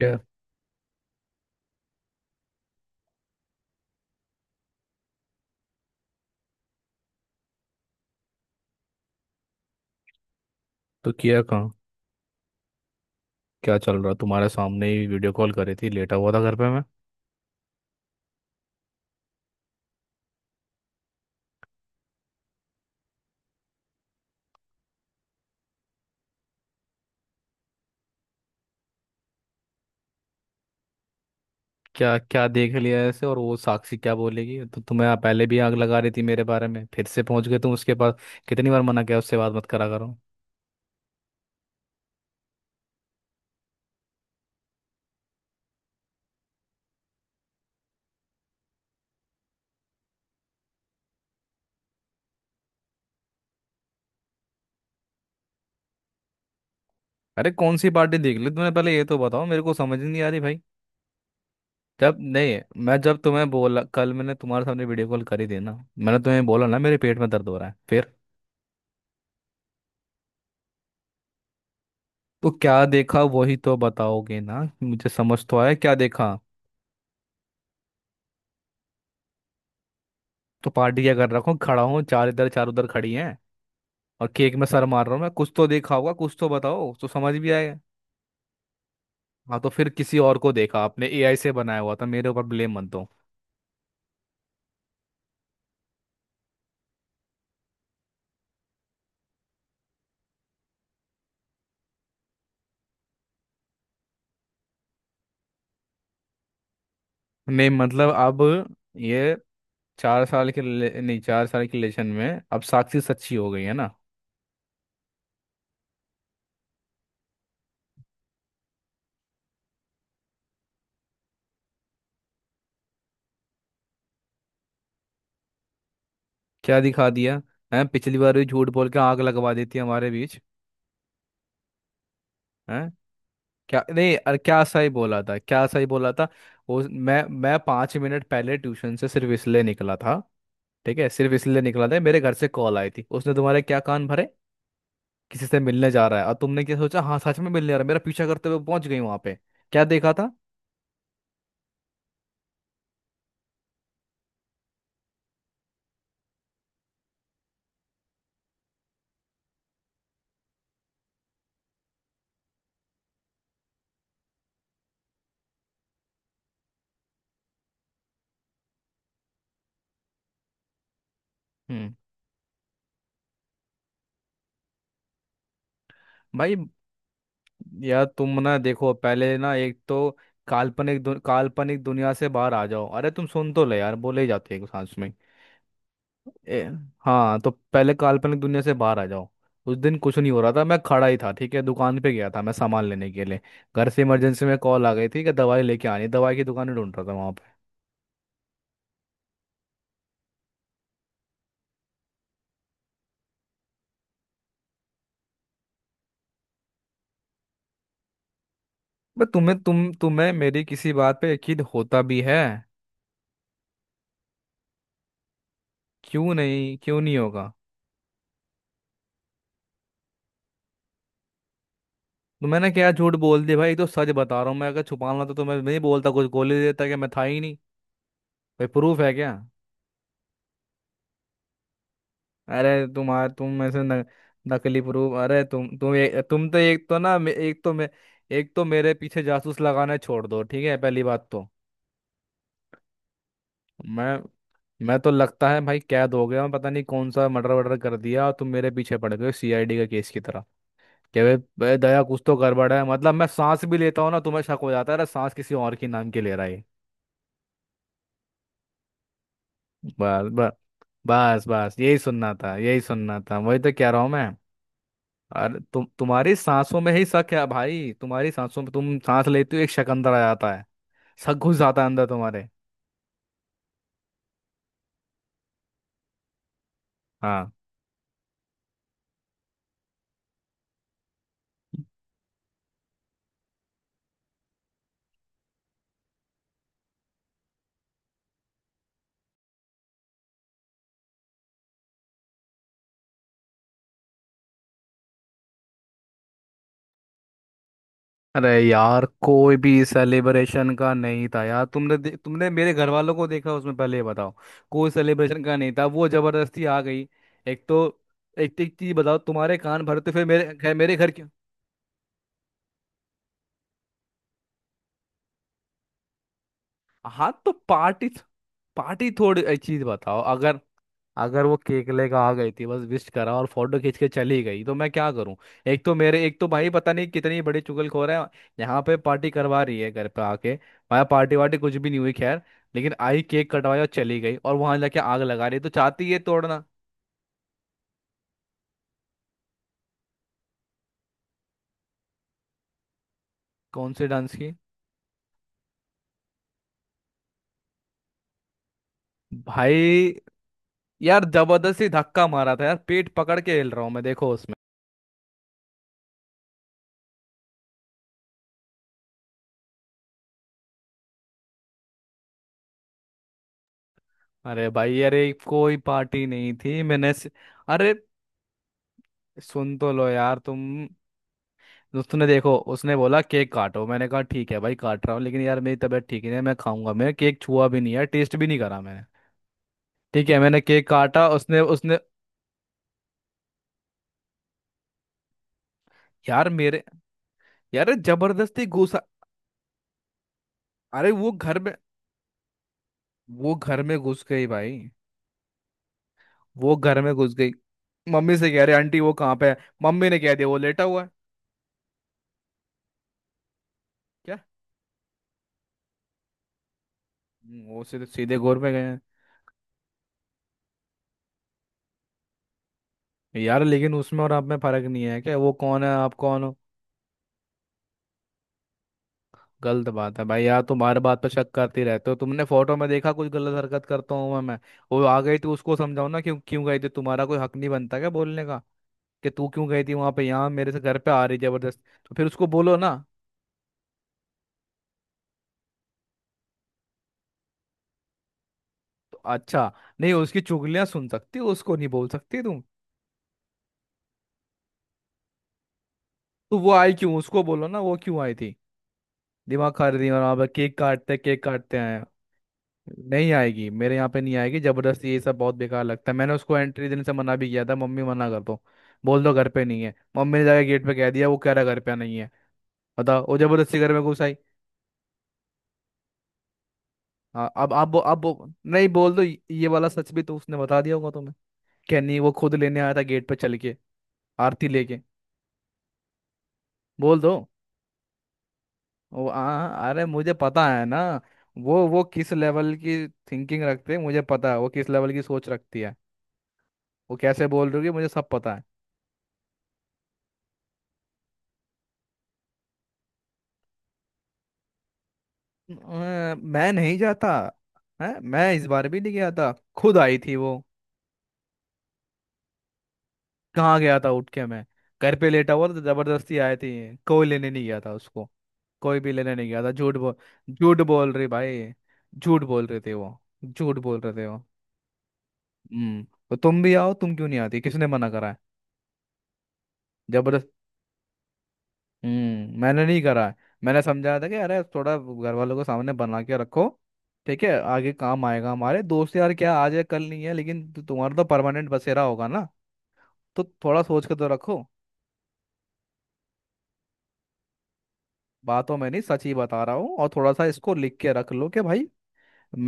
क्या? तो किया कहाँ? क्या चल रहा? तुम्हारे सामने ही वीडियो कॉल करी थी, लेटा हुआ था घर पे मैं। क्या क्या देख लिया ऐसे? और वो साक्षी क्या बोलेगी? तो तुम्हें आप पहले भी आग लगा रही थी मेरे बारे में, फिर से पहुंच गए तुम उसके पास। कितनी बार मना किया उससे बात मत करा करो। अरे कौन सी पार्टी देख ली तुमने? पहले ये तो बताओ, मेरे को समझ नहीं आ रही भाई। जब नहीं, मैं जब तुम्हें बोला कल मैंने तुम्हारे सामने वीडियो कॉल करी थी ना, मैंने तुम्हें बोला ना मेरे पेट में दर्द हो रहा है फिर। तो क्या देखा? वही तो बताओगे ना मुझे, समझ तो आया क्या देखा। तो पार्टी क्या कर रखा हूँ? खड़ा हूँ, चार इधर चार उधर खड़ी हैं और केक में सर मार रहा हूँ मैं? कुछ तो देखा होगा, कुछ तो बताओ तो समझ भी आएगा। हाँ तो फिर किसी और को देखा आपने, एआई से बनाया हुआ था, मेरे ऊपर ब्लेम मत दो। नहीं मतलब अब ये चार साल के रिले- नहीं चार साल के रिलेशन में अब साक्षी सच्ची हो गई है ना? क्या दिखा दिया है? पिछली बार भी झूठ बोल के आग लगवा देती है हमारे बीच। है क्या? नहीं, अरे क्या सही बोला था? क्या सही बोला था? वो मैं 5 मिनट पहले ट्यूशन से सिर्फ इसलिए निकला था, ठीक है, सिर्फ इसलिए निकला था, मेरे घर से कॉल आई थी, उसने तुम्हारे क्या कान भरे? किसी से मिलने जा रहा है, और तुमने क्या सोचा? हाँ सच में मिलने जा रहा है, मेरा पीछा करते हुए पहुंच गई वहां पे। क्या देखा था? हम्म। भाई यार तुम ना देखो, पहले ना, एक तो काल्पनिक दुनिया से बाहर आ जाओ, अरे तुम सुन तो ले यार, बोले ही जाते हो सांस में। ए, हाँ तो पहले काल्पनिक दुनिया से बाहर आ जाओ। उस दिन कुछ नहीं हो रहा था, मैं खड़ा ही था, ठीक है, दुकान पे गया था मैं सामान लेने के लिए, घर से इमरजेंसी में कॉल आ गई थी कि दवाई लेके आनी है। दवाई की दुकान ढूंढ रहा था वहां। बट तुम्हें मेरी किसी बात पे यकीन होता भी है? क्यों नहीं? क्यों नहीं होगा? तो मैंने क्या झूठ बोल दिया भाई? तो सच बता रहा हूँ मैं, अगर छुपाना तो तुम्हें नहीं बोलता, कुछ बोल ही देता कि मैं था ही नहीं। भाई प्रूफ है क्या? अरे तुम्हारे तुम ऐसे न, नकली प्रूफ। अरे तुम तो एक तो ना एक तो मैं, एक तो मेरे पीछे जासूस लगाना छोड़ दो, ठीक है, पहली बात तो। मैं मैं तो लगता है भाई कैद हो गया मैं, पता नहीं कौन सा मर्डर वर्डर कर दिया, और तुम मेरे पीछे पड़ गए सीआईडी का केस की तरह कि बे बे दया कुछ तो गड़बड़ है। मतलब मैं सांस भी लेता हूँ ना, तुम्हें शक हो जाता है, अरे सांस किसी और के नाम की ले रहा है ये। बस बस, बस बस, यही सुनना था, यही सुनना था, वही तो कह रहा हूँ मैं। अरे तुम, तुम्हारी सांसों में ही शक है भाई, तुम्हारी सांसों में, तुम सांस लेते हो एक शक अंदर आ जाता है, शक घुस जाता है अंदर तुम्हारे। हाँ। अरे यार कोई भी सेलिब्रेशन का नहीं था यार, तुमने मेरे घर वालों को देखा उसमें, पहले ये बताओ। कोई सेलिब्रेशन का नहीं था, वो जबरदस्ती आ गई। एक तो, एक एक चीज बताओ, तुम्हारे कान भरते फिर मेरे घर के। हाँ तो पार्टी, पार्टी थोड़ी, एक चीज बताओ, अगर अगर वो केक लेकर आ गई थी, बस विश करा और फोटो खींच के चली गई तो मैं क्या करूं? एक तो मेरे, एक तो भाई पता नहीं कितनी बड़ी चुगलखोर है, यहाँ पे पार्टी करवा रही है घर पे आके। भाई पार्टी वार्टी कुछ भी नहीं हुई, खैर लेकिन आई, केक कटवाया और चली गई, और वहां जाके आग लगा रही है, तो चाहती है तोड़ना। कौन से डांस की? भाई यार जबरदस्ती धक्का मारा था यार, पेट पकड़ के हिल रहा हूँ मैं, देखो उसमें। अरे भाई अरे कोई पार्टी नहीं थी, अरे सुन तो लो यार तुम। उसने देखो, उसने बोला केक काटो, मैंने कहा ठीक है भाई काट रहा हूँ, लेकिन यार मेरी तबीयत ठीक नहीं है, मैं खाऊंगा, मैं केक छुआ भी नहीं है, टेस्ट भी नहीं करा मैंने, ठीक है मैंने केक काटा उसने उसने, यार मेरे, यार जबरदस्ती घुसा, अरे वो घर में, वो घर में घुस गई भाई, वो घर में घुस गई, मम्मी से कह रहे आंटी वो कहाँ पे है, मम्मी ने कह दिया वो लेटा हुआ है। क्या? वो सीधे सीधे गोर में गए हैं। यार लेकिन उसमें और आप में फर्क नहीं है क्या? वो कौन है आप कौन हो? गलत बात है भाई, यार तुम हर बात पर शक करते रहते हो, तुमने फोटो में देखा कुछ गलत हरकत करता हूँ मैं? वो आ गई तो उसको समझाओ ना, क्यों क्यों गई थी? तुम्हारा कोई हक नहीं बनता क्या बोलने का, कि तू क्यों गई थी वहां पे, यहाँ मेरे से घर पे आ रही जबरदस्त। तो फिर उसको बोलो ना। तो अच्छा, नहीं उसकी चुगलियां सुन सकती हो उसको नहीं बोल सकती तुम? तो वो आई क्यों? उसको बोलो ना, वो क्यों आई थी, दिमाग खा रही थी वहां पर केक काटते हैं। नहीं आएगी मेरे यहाँ पे, नहीं आएगी जबरदस्ती, ये सब बहुत बेकार लगता है, मैंने उसको एंट्री देने से मना भी किया था, मम्मी मना कर दो, बोल दो घर पे नहीं है, मम्मी ने जाके गेट पे कह दिया वो कह रहा घर पे नहीं है, बताओ वो जबरदस्ती घर में घुस आई। हाँ अब आप बो- अब बो- नहीं बोल दो, ये वाला सच भी तो उसने बता दिया होगा तुम्हें? क्या नहीं, वो खुद लेने आया था गेट पे चल के आरती लेके? बोल दो। अरे मुझे पता है ना, वो किस लेवल की थिंकिंग रखते हैं, मुझे पता है वो किस लेवल की सोच रखती है, वो कैसे बोल रही होगी, मुझे सब पता है। मैं नहीं जाता, है, मैं इस बार भी नहीं गया था, खुद आई थी वो। कहाँ गया था उठ के मैं? घर पे लेटा हुआ था, तो जबरदस्ती आई थी, कोई लेने नहीं गया था उसको, कोई भी लेने नहीं गया था, झूठ बोल, झूठ बोल रही भाई, झूठ बोल रहे थे वो, झूठ बोल रहे थे वो। हम्म तो तुम भी आओ, तुम क्यों नहीं आती, किसने मना करा है? जबरदस्ती। मैंने नहीं करा है, मैंने समझाया था कि अरे थोड़ा घर वालों को सामने बना के रखो, ठीक है, आगे काम आएगा, हमारे दोस्त यार क्या आज है कल नहीं है, लेकिन तुम्हारा तो परमानेंट बसेरा होगा ना, तो थोड़ा सोच के तो रखो। बातों में नहीं, सच ही बता रहा हूँ, और थोड़ा सा इसको लिख के रख लो कि भाई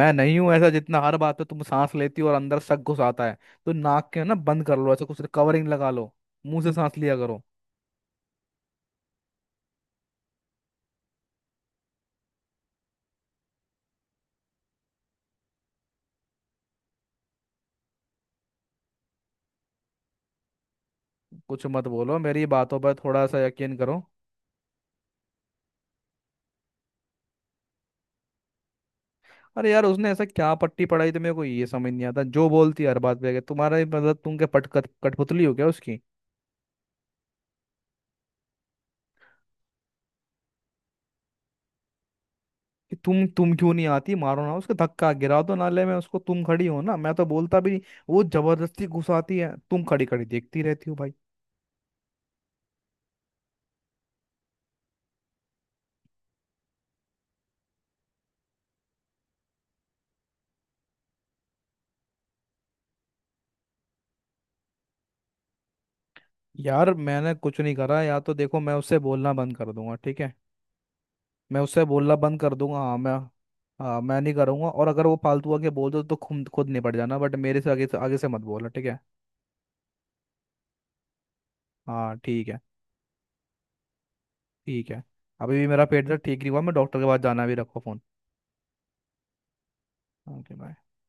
मैं नहीं हूं ऐसा, जितना हर बात पे तुम सांस लेती हो और अंदर शक घुसाता है, तो नाक के ना बंद कर लो, ऐसा कुछ कवरिंग लगा लो, मुंह से सांस लिया करो। कुछ मत बोलो, मेरी बातों पर थोड़ा सा यकीन करो। अरे यार उसने ऐसा क्या पट्टी पढ़ाई, तो मेरे को ये समझ नहीं आता, जो बोलती है हर बात पे आके तुम्हारा ही मतलब, तुम क्या पट कट कठपुतली हो क्या उसकी? कि तुम क्यों नहीं आती? मारो ना उसको धक्का, गिरा दो नाले में उसको, तुम खड़ी हो ना, मैं तो बोलता भी नहीं, वो जबरदस्ती घुसाती है, तुम खड़ी खड़ी देखती रहती हो भाई। यार मैंने कुछ नहीं करा, या तो देखो मैं उससे बोलना बंद कर दूंगा, ठीक है, मैं उससे बोलना बंद कर दूंगा, हाँ मैं नहीं करूंगा, और अगर वो फालतू आके बोल दो तो खुद खुद निपट जाना, बट मेरे से आगे से मत बोलना, ठीक है। हाँ ठीक है। ठीक है, अभी भी मेरा पेट दर्द ठीक नहीं हुआ, मैं डॉक्टर के पास जाना, भी रखो फोन। Okay bye.